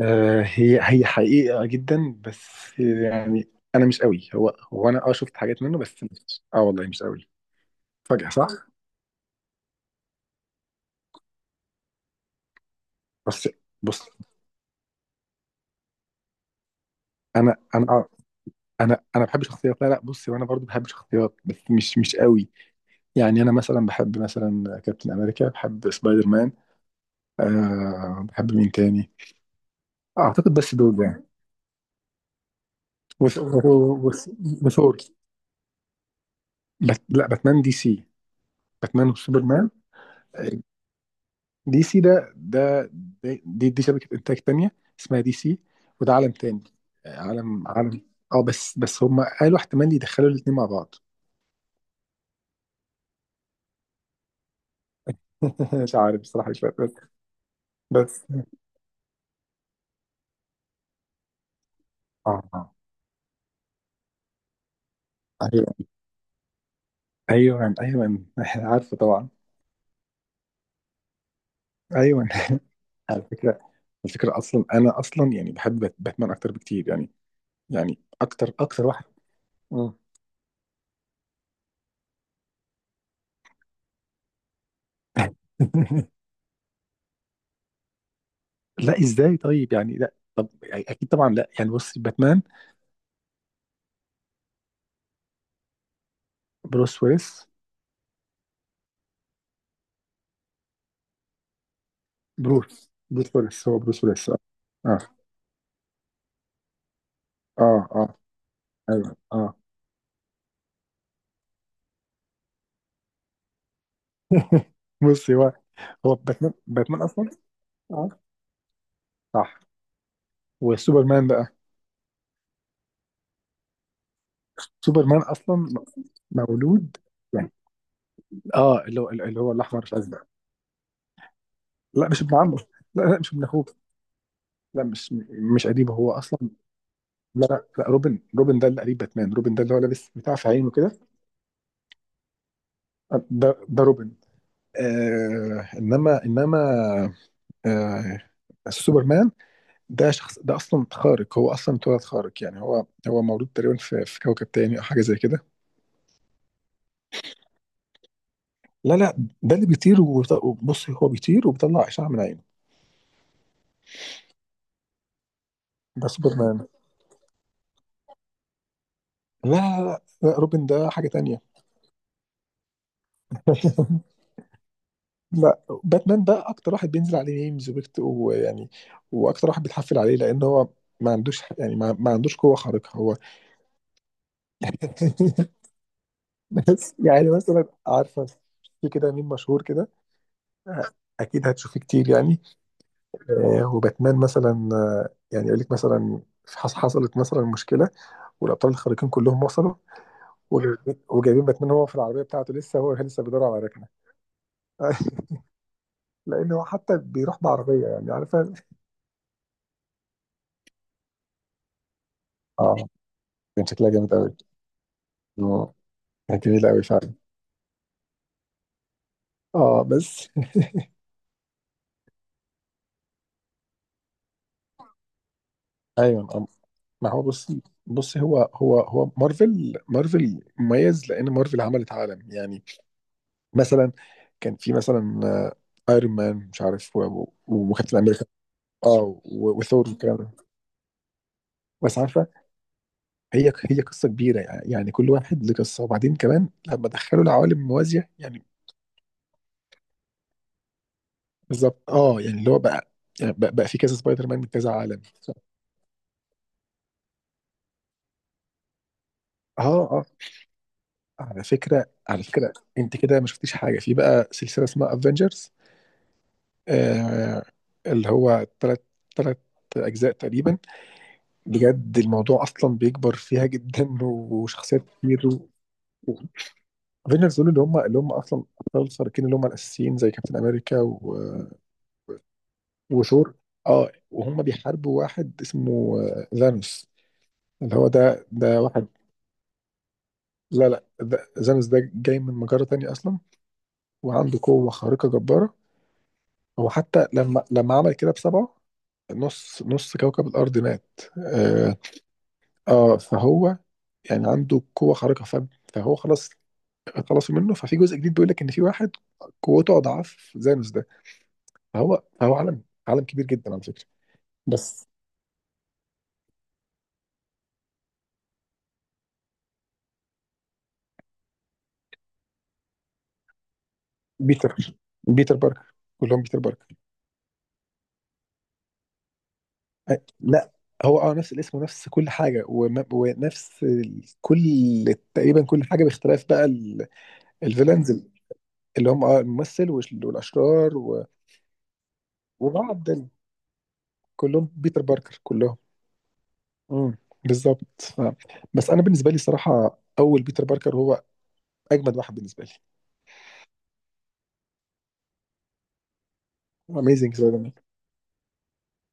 آه، هي حقيقة جدا، بس يعني أنا مش قوي. هو أنا شفت حاجات منه، بس مش والله مش قوي فجأة، صح؟ بس بص. أنا أنا بحب شخصيات. لا لا، بص، وأنا برضو بحب شخصيات بس مش قوي. يعني أنا مثلا بحب مثلا كابتن أمريكا، بحب سبايدر مان. بحب مين تاني؟ أعتقد بس دول يعني. وث- وث- وثور بت. لا، باتمان دي سي. باتمان وسوبرمان. دي سي دي شبكة إنتاج تانية اسمها دي سي. وده عالم تاني. آه، عالم. اه بس هم قالوا احتمال يدخلوا الاتنين مع بعض. مش عارف بصراحة، مش فاهم بس اه ايوه ايوه ايوه. عارفه طبعا. ايوه. على فكرة، الفكرة اصلا انا اصلا يعني بحب باتمان اكتر بكتير يعني. يعني اكتر اكتر واحد. مم. لا ازاي، طيب يعني لا، طب يعني اكيد طبعا، لا يعني بص باتمان. بروس ويلس. بروس ويلس، هو بروس ويلس، اه. اه اه اه، ايوه، اه. بص، هو باتمان، باتمان اصلا. اه صح. وسوبرمان بقى، سوبرمان اصلا مولود يعني. اه، اللي هو الاحمر الازرق. لا مش ابن عمه. لا لا، مش ابن اخوه. لا، مش قريبه هو اصلا. لا لا، لا، روبن ده اللي قريب باتمان. روبن ده اللي هو لابس بتاع في عينه كده. آه، ده روبن. آه، انما آه. سوبرمان ده شخص ده اصلا خارق، هو اصلا اتولد خارق يعني. هو مولود تقريبا في كوكب تاني او حاجه زي كده. لا لا، ده اللي بيطير وبص، هو بيطير وبيطلع اشعه من عينه. ده سوبرمان. لا لا لا، لا، روبن ده حاجه تانية. لا، باتمان ده اكتر واحد بينزل عليه ميمز وبيكت ويعني، واكتر واحد بيتحفل عليه لان هو ما عندوش يعني، ما عندوش قوه خارقه هو. بس يعني مثلا عارفه، في كده ميم مشهور كده اكيد هتشوفيه كتير يعني. آه، وباتمان مثلا آه، يعني يقول لك مثلا حصلت مثلا مشكله، والابطال الخارقين كلهم وصلوا، وجايبين باتمان هو في العربيه بتاعته لسه، هو لسه بيدور على ركنه. لان هو حتى بيروح بعربيه يعني، عارفه. اه كان شكلها جامد قوي. كانت جميله قوي فعلا. اه بس. ايوه. آه. ما هو بص، هو مارفل مميز لان مارفل عملت عالم يعني. مثلا كان في مثلا آه، ايرون مان، مش عارف وكابتن امريكا. اه وثور والكلام ده. بس عارفه، هي قصه كبيره يعني. كل واحد له قصه، وبعدين كمان لما دخلوا العوالم الموازيه يعني. بالظبط اه، يعني اللي هو بقى، يعني بقى في كذا سبايدر مان من كذا عالم. اه اه، على فكره، على فكره انت كده ما شفتيش حاجه في بقى سلسله اسمها افنجرز. آه. اللي هو ثلاث اجزاء تقريبا. بجد الموضوع اصلا بيكبر فيها جدا، وشخصيات كتير. افنجرز دول اللي هم، اصلا ابطال الخارقين اللي هم الاساسيين زي كابتن امريكا و... وثور. اه، وهم بيحاربوا واحد اسمه آه، ذانوس اللي هو ده، واحد. لا لا، ده ذانوس ده جاي من مجرة تانية اصلا. وعنده قوة خارقة جبارة. هو حتى لما عمل كده بسبعه، نص كوكب الارض مات، آه. فهو يعني عنده قوة خارقة. فهو خلاص. خلصوا منه، ففي جزء جديد بيقول لك ان في واحد قوته اضعاف ذانوس ده. هو عالم كبير جدا على فكره. بس بيتر بيتر باركر، كلهم بيتر باركر. لا، هو اه نفس الاسم ونفس كل حاجه، ونفس كل، تقريبا كل حاجه، باختلاف بقى الفيلنز. اللي هم اه الممثل والاشرار وبعض كلهم بيتر باركر كلهم. امم بالظبط بس انا بالنسبه لي صراحه، اول بيتر باركر هو اجمد واحد بالنسبه لي. اميزنج سبايدر مان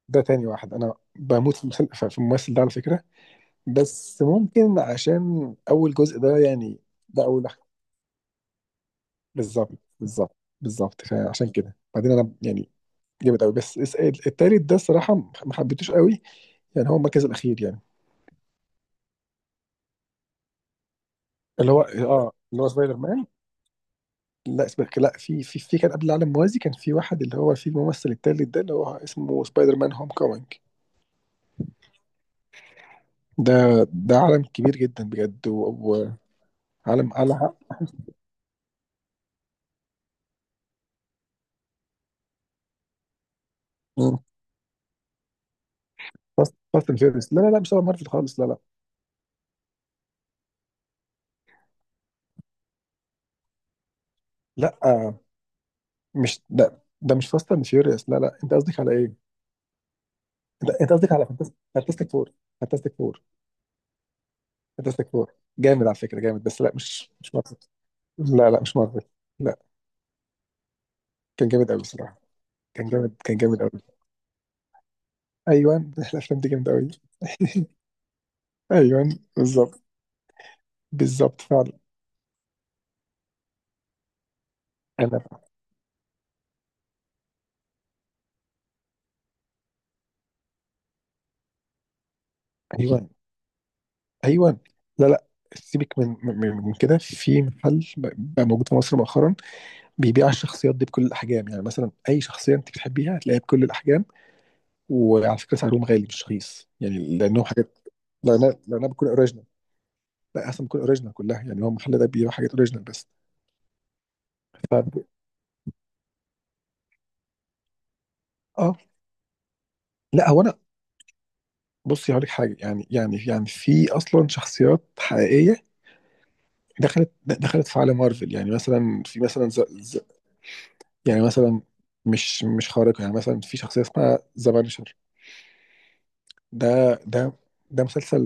ده تاني واحد، انا بموت في في الممثل ده على فكره. بس ممكن عشان اول جزء ده يعني. ده اول بالظبط بالظبط بالظبط، فعشان كده بعدين انا يعني جامد قوي. بس التالت ده الصراحه، ما حبيتوش قوي. يعني هو المركز الاخير يعني. اللي هو اه، اللي هو سبايدر مان. لا سبايدر، لا في، في كان قبل العالم موازي، كان في واحد اللي هو في الممثل التالت ده اللي هو اسمه سبايدر مان هوم كومينج. ده ده عالم كبير جدا بجد، وعالم على. فاست اند فيوريوس لا لا لا مش تبع مارفل خالص لا لا. لا آه، مش ده مش فاست اند فيوريوس لا لا. انت قصدك على ايه؟ انت قصدك على فانتاستيك فور. فانتاستيك فور، فانتاستيك فور جامد على فكره. جامد، بس لا مش مارفل. لا لا مش مارفل لا. كان جامد قوي الصراحه. كان جامد، كان جامد قوي. ايوه. الافلام دي جامده قوي. ايوه. بالظبط بالظبط فعلا. انا ايوه ايوه. لا لا. سيبك من من كده، في محل بقى موجود في مصر مؤخرا بيبيع الشخصيات دي بكل الاحجام، يعني مثلا اي شخصيه انت بتحبيها هتلاقيها بكل الاحجام. وعلى فكره سعرهم غالي مش رخيص، يعني لانهم حاجات، لانها بتكون اوريجينال. لا اصلا بتكون اوريجينال كلها، يعني هو المحل ده بيبيع حاجات اوريجينال بس. ف... اه، لا هو انا، بصي هقول لك حاجه يعني، يعني في اصلا شخصيات حقيقيه دخلت في عالم مارفل، يعني مثلا في مثلا ز... ز... يعني مثلا مش خارقه، يعني مثلا في شخصيه اسمها ذا بانشر. ده ده ده مسلسل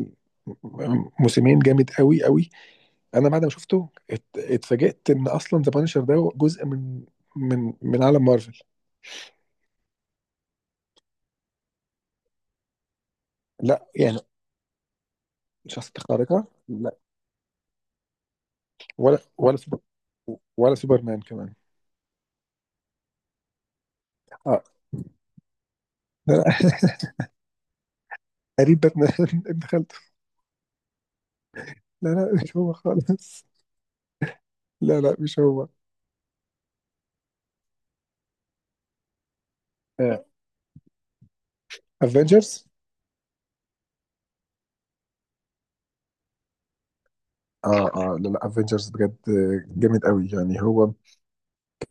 موسمين جامد قوي قوي. انا بعد ما شفته اتفاجئت ان اصلا ذا بانشر ده جزء من، من عالم مارفل. لا يعني شخصية خارقة. لا ولا، سوبر، ولا سوبرمان كمان. اه لا لا. قريب باتمان. ابن خالته. لا لا مش هو خالص. لا لا مش هو. افنجرز. اه. Avengers؟ اه آه، لا لا افنجرز بجد جامد قوي يعني. هو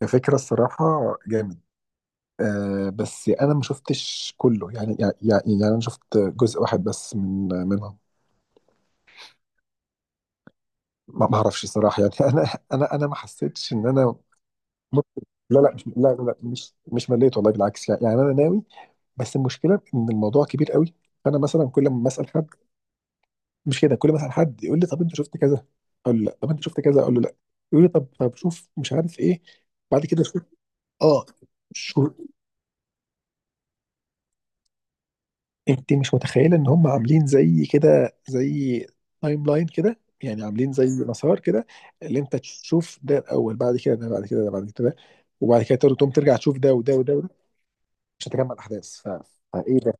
كفكرة الصراحة جامد. آه بس انا ما شفتش كله يعني، يعني انا شفت جزء واحد بس من، ما بعرفش صراحة يعني. أنا ما حسيتش إن أنا. ممكن. لا لا لا لا مش مليت، والله بالعكس، يعني، أنا ناوي. بس المشكلة إن الموضوع كبير قوي. فأنا مثلا كل ما أسأل حد. مش كده، كل ما أسأل حد يقول لي طب أنت شفت كذا، أقول له لا. طب أنت شفت كذا، أقول له لا. يقول لي طب شوف مش عارف إيه، بعد كده شوف. أه. شو انت مش متخيله ان هم عاملين زي كده، زي تايم لاين كده، يعني عاملين زي مسار كده، اللي انت تشوف ده الاول، بعد كده ده، بعد كده ده، بعد كده ده، وبعد كده تقدر تقوم ترجع تشوف ده وده وده وده، مش هتجمع الاحداث ف... فايه ده.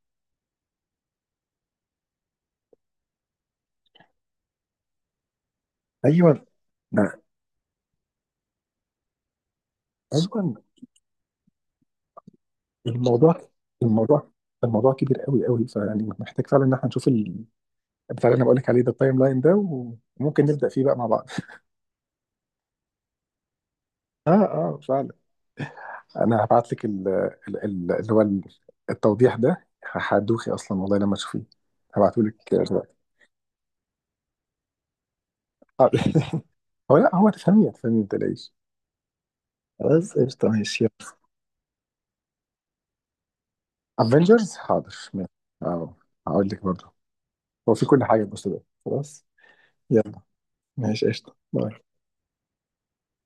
ايوه ده ايوه. الموضوع الموضوع الموضوع كبير قوي قوي. فيعني محتاج فعلا ان احنا نشوف بتاع، اللي انا بقول لك عليه ده، التايم لاين ده. وممكن نبدا فيه بقى مع بعض. اه اه فعلا. انا هبعت لك ال- ال- اللي هو ال- التوضيح ده. هدوخي اصلا والله لما تشوفيه. هبعته لك دلوقتي. آه. هو لا، هو تفهميه تفهميه ما تقلقيش. خلاص قشطة ماشي. افنجرز حاضر ماشي. اه هقول لك برضه. هو في كل حاجه، بص ده خلاص. يلا، ماشي قشطة، باي.